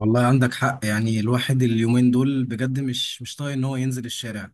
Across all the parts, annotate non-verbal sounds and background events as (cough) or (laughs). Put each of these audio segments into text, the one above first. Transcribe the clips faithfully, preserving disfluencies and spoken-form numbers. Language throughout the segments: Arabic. والله عندك حق. يعني الواحد اليومين دول بجد مش مش طايق ان هو ينزل الشارع.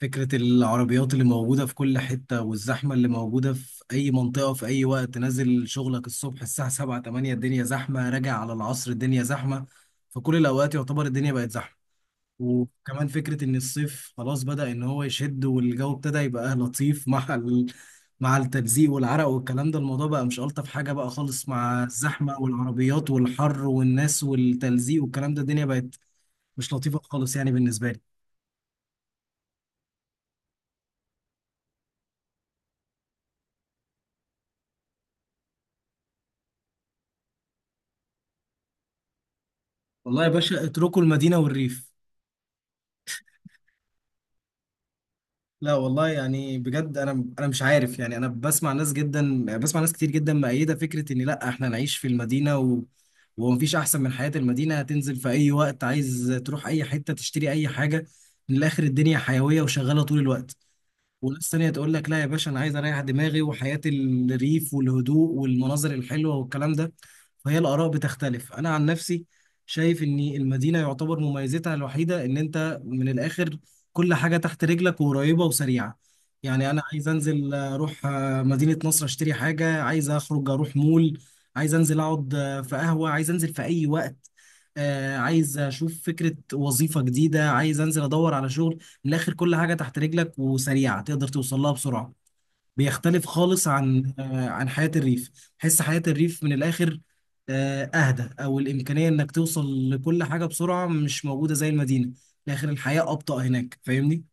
فكرة العربيات اللي موجودة في كل حتة والزحمة اللي موجودة في أي منطقة في أي وقت، نازل شغلك الصبح الساعة سبعة ثمانية الدنيا زحمة، راجع على العصر الدنيا زحمة. فكل الأوقات يعتبر الدنيا بقت زحمة. وكمان فكرة إن الصيف خلاص بدأ إن هو يشد والجو ابتدى يبقى لطيف (laughs) مع ال... مع التلزيق والعرق والكلام ده، الموضوع بقى مش ألطف حاجة بقى خالص. مع الزحمة والعربيات والحر والناس والتلزيق والكلام ده الدنيا بقت مش لطيفة خالص يعني بالنسبة لي. والله يا باشا اتركوا المدينة والريف. لا والله، يعني بجد انا انا مش عارف، يعني انا بسمع ناس جدا، بسمع ناس كتير جدا مؤيده فكره ان لا احنا نعيش في المدينه و... ومفيش احسن من حياه المدينه. هتنزل في اي وقت عايز تروح اي حته تشتري اي حاجه، من الاخر الدنيا حيويه وشغاله طول الوقت. وناس تانية تقول لك لا يا باشا، انا عايز اريح دماغي وحياة الريف والهدوء والمناظر الحلوة والكلام ده. فهي الآراء بتختلف. انا عن نفسي شايف ان المدينة يعتبر مميزتها الوحيدة ان انت من الاخر كل حاجة تحت رجلك وقريبة وسريعة. يعني انا عايز انزل اروح آه، مدينة نصر اشتري حاجة، عايز اخرج اروح مول، عايز انزل اقعد آه، في قهوة، عايز انزل في اي وقت آه، عايز اشوف فكرة وظيفة جديدة، عايز انزل ادور على شغل. من الاخر كل حاجه تحت رجلك وسريعه تقدر توصل لها بسرعه. بيختلف خالص عن آه، عن حياه الريف. حس حياه الريف من الاخر آه، اهدى، او الامكانيه انك توصل لكل حاجه بسرعه مش موجوده زي المدينه. من الاخر الحياه ابطا هناك، فاهمني؟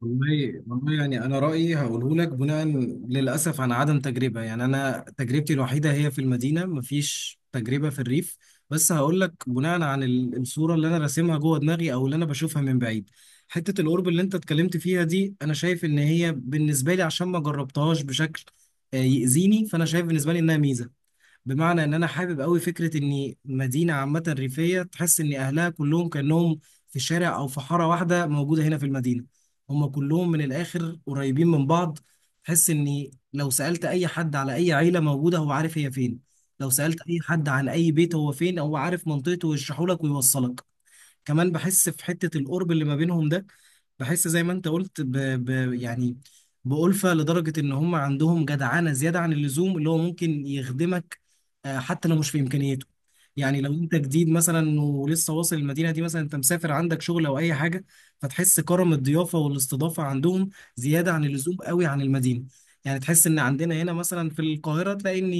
والله والله يعني انا رايي هقوله لك بناء للاسف عن عدم تجربه. يعني انا تجربتي الوحيده هي في المدينه، مفيش تجربه في الريف. بس هقول لك بناء عن ال- الصوره اللي انا راسمها جوه دماغي او اللي انا بشوفها من بعيد. حته القرب اللي انت اتكلمت فيها دي انا شايف ان هي بالنسبه لي، عشان ما جربتهاش بشكل آه، يأذيني، فانا شايف بالنسبه لي انها ميزه. بمعنى ان انا حابب قوي فكره ان مدينه عامه ريفيه تحس ان اهلها كلهم كانهم في شارع او في حاره واحده موجوده هنا في المدينه. هم كلهم من الاخر قريبين من بعض. تحس ان لو سالت اي حد على اي عيله موجوده هو عارف هي فين، لو سالت اي حد عن اي بيت هو فين هو عارف منطقته ويشرحه لك ويوصلك. كمان بحس في حتة القرب اللي ما بينهم ده، بحس زي ما انت قلت ب... ب... يعني بألفة، لدرجة ان هم عندهم جدعنة زيادة عن اللزوم، اللي هو ممكن يخدمك آه، حتى لو مش في امكانياته. يعني لو انت جديد مثلا ولسه واصل المدينة دي، مثلا انت مسافر عندك شغل او اي حاجة، فتحس كرم الضيافة والاستضافة عندهم زيادة عن اللزوم قوي عن المدينة. يعني تحس ان عندنا هنا مثلا في القاهرة تلاقي ان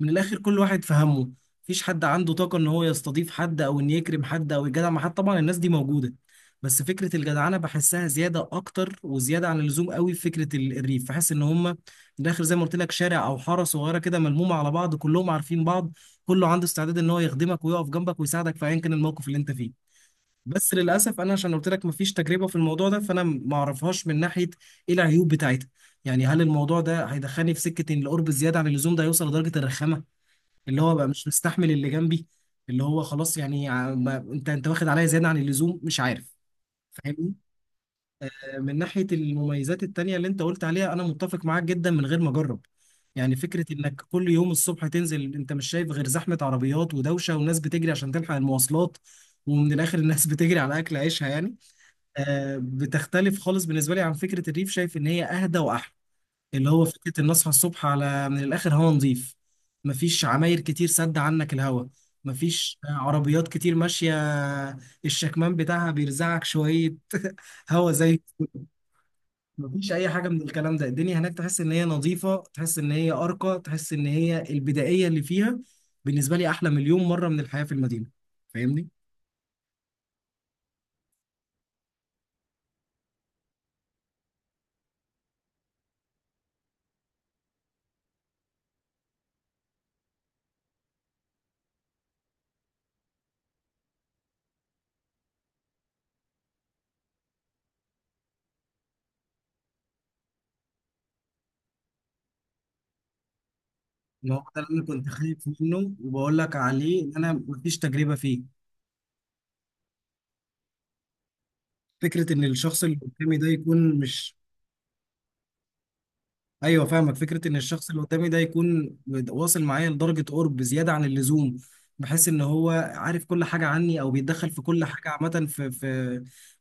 من الاخر كل واحد في همه، مفيش حد عنده طاقه ان هو يستضيف حد او ان يكرم حد او يجدع مع حد. طبعا الناس دي موجوده، بس فكره الجدعنه بحسها زياده اكتر وزياده عن اللزوم قوي في فكره ال- الريف. بحس ان هم من الاخر زي ما قلت لك شارع او حاره صغيره كده ملمومه على بعض كلهم عارفين بعض، كله عنده استعداد ان هو يخدمك ويقف جنبك ويساعدك في ايا كان الموقف اللي انت فيه. بس للاسف انا عشان قلت لك مفيش تجربه في الموضوع ده، فانا ما اعرفهاش من ناحيه ايه العيوب بتاعتها. يعني هل الموضوع ده هيدخلني في سكه ان القرب الزياده عن اللزوم ده هيوصل لدرجه الرخامه، اللي هو بقى مش مستحمل اللي جنبي، اللي هو خلاص يعني ع- ما- انت انت واخد عليا زياده عن اللزوم، مش عارف، فاهمني؟ آه، من ناحيه المميزات التانيه اللي انت قلت عليها انا متفق معاك جدا من غير ما اجرب. يعني فكره انك كل يوم الصبح تنزل انت مش شايف غير زحمه عربيات ودوشه وناس بتجري عشان تلحق المواصلات، ومن الاخر الناس (laughs) بتجري على اكل عيشها يعني. آه، بتختلف خالص بالنسبه لي عن فكره الريف، شايف ان هي اهدى واحلى. اللي هو فكرة إن أصحى الصبح على من الآخر هوا نظيف، مفيش عماير كتير سد عنك الهوا، مفيش عربيات كتير ماشية الشكمان بتاعها بيرزعك شوية (laughs) هوا زي مفيش أي حاجة من الكلام ده. الدنيا هناك تحس إن هي نظيفة، تحس إن هي أرقى، تحس إن هي البدائية اللي فيها بالنسبة لي أحلى مليون مرة من الحياة في المدينة. فاهمني؟ إن هو ده اللي أنا كنت خايف منه وبقول لك عليه إن أنا مفيش تجربة فيه. فكرة إن الشخص اللي قدامي ده يكون مش... ايوه فاهمك، فكره ان الشخص اللي قدامي ده يكون واصل معايا لدرجه قرب زياده عن اللزوم، بحس ان هو عارف كل حاجه عني او بيتدخل في كل حاجه عامه في في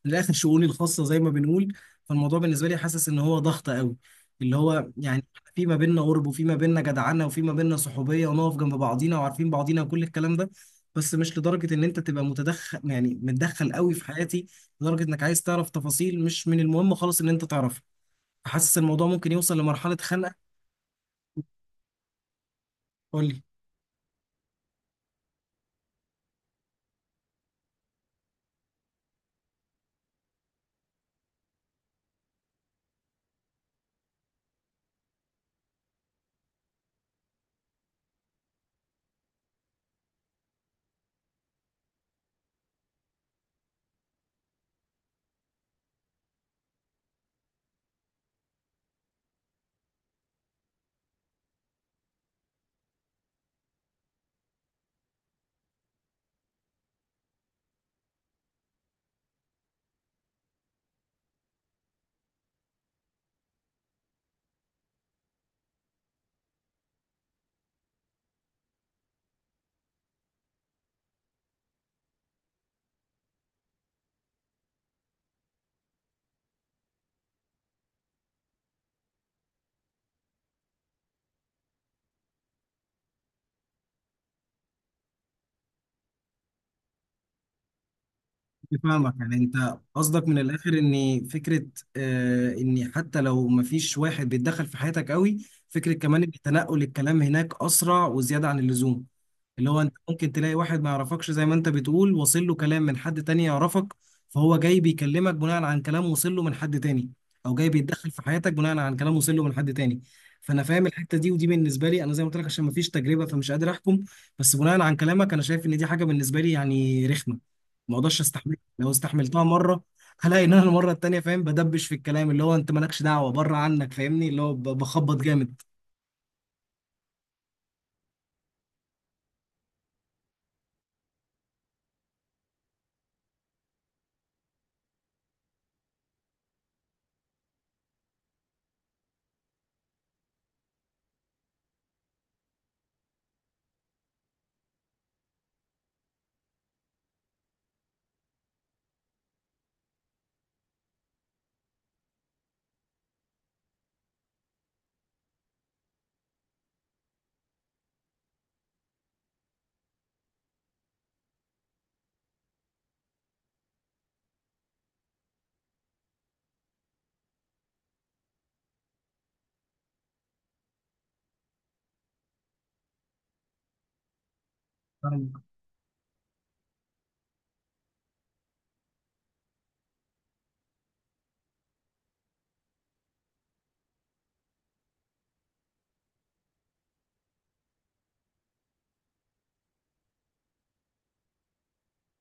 من الاخر شؤوني الخاصه زي ما بنقول. فالموضوع بالنسبه لي حاسس ان هو ضغط قوي، اللي هو يعني في ما بيننا قرب وفي ما بيننا جدعنه وفي ما بيننا صحوبيه ونقف جنب بعضينا وعارفين بعضينا وكل الكلام ده، بس مش لدرجه ان انت تبقى متدخل يعني متدخل قوي في حياتي، لدرجه انك عايز تعرف تفاصيل مش من المهم خالص ان انت تعرفها. حاسس الموضوع ممكن يوصل لمرحلة خنقة. قول لي. فاهمك، يعني انت قصدك من الاخر ان فكره آه ان حتى لو مفيش واحد بيتدخل في حياتك قوي، فكره كمان ان تنقل الكلام هناك اسرع وزياده عن اللزوم، اللي هو انت ممكن تلاقي واحد ما يعرفكش زي ما انت بتقول وصل له كلام من حد تاني يعرفك، فهو جاي بيكلمك بناء عن كلام وصل له من حد تاني، او جاي بيتدخل في حياتك بناء عن كلام وصل له من حد تاني. فانا فاهم الحته دي، ودي بالنسبه لي انا زي ما قلت لك عشان مفيش تجربه فمش قادر احكم، بس بناء عن كلامك انا شايف ان دي حاجه بالنسبه لي يعني رخمه ما اقدرش استحملها. لو استحملتها مره هلاقي ان انا المره التانيه فاهم بدبش في الكلام، اللي هو انت مالكش دعوه بره عنك، فاهمني؟ اللي هو ب- بخبط جامد. فاهم؟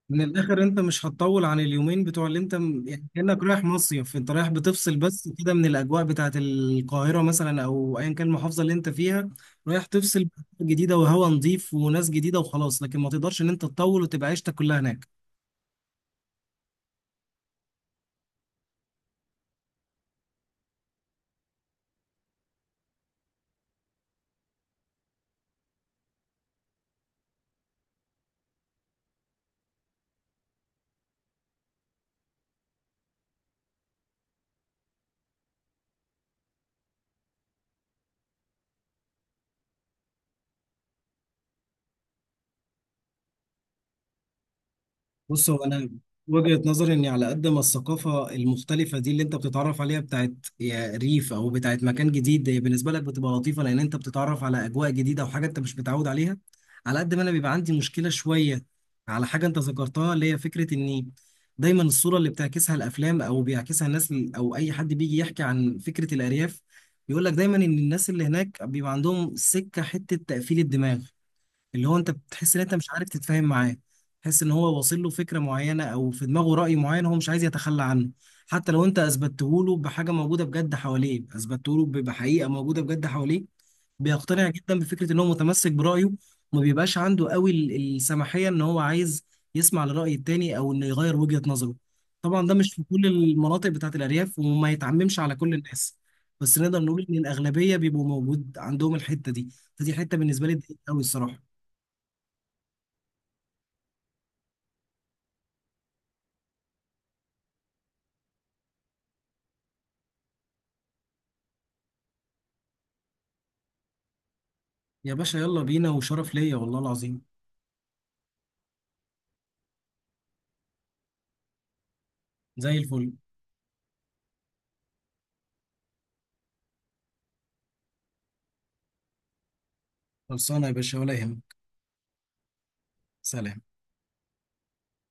من الاخر انت مش هتطول عن اليومين بتوع اللي انت م- يعني كانك رايح مصيف، انت رايح بتفصل بس كده من الاجواء بتاعت القاهره مثلا او ايا كان المحافظه اللي انت فيها. رايح تفصل بأجواء جديده وهواء نظيف وناس جديده وخلاص، لكن ما تقدرش ان انت تطول وتبقى عيشتك كلها هناك. بص، هو انا وجهة نظري اني على قد ما الثقافة المختلفة دي اللي انت بتتعرف عليها بتاعت يا ريف او بتاعت مكان جديد هي بالنسبة لك بتبقى لطيفة لان انت بتتعرف على اجواء جديدة وحاجة انت مش متعود عليها، على قد ما انا بيبقى عندي مشكلة شوية على حاجة انت ذكرتها اللي هي فكرة اني دايما الصورة اللي بتعكسها الافلام او بيعكسها الناس ال- او اي حد بيجي يحكي عن فكرة الارياف، بيقول لك دايما ان الناس اللي هناك بيبقى عندهم سكة حتة تقفيل الدماغ، اللي هو انت بتحس ان انت مش عارف تتفاهم معاه. تحس ان هو واصل له فكره معينه او في دماغه راي معين هو مش عايز يتخلى عنه، حتى لو انت اثبته له بحاجه موجوده بجد حواليه، اثبته له ب- بحقيقه موجوده بجد حواليه، بيقتنع جدا بفكره ان هو متمسك برايه. وما بيبقاش عنده قوي ال- السماحيه ان هو عايز يسمع لراي التاني او انه يغير وجهه نظره. طبعا ده مش في كل المناطق بتاعت الارياف وما يتعممش على كل الناس، بس نقدر نقول ان الاغلبيه بيبقوا موجود عندهم الحته دي. فدي حته بالنسبه لي ضايقت قوي الصراحه. يا باشا يلا بينا، وشرف ليا والله العظيم. زي الفل. خلصانة يا باشا ولا يهمك. سلام.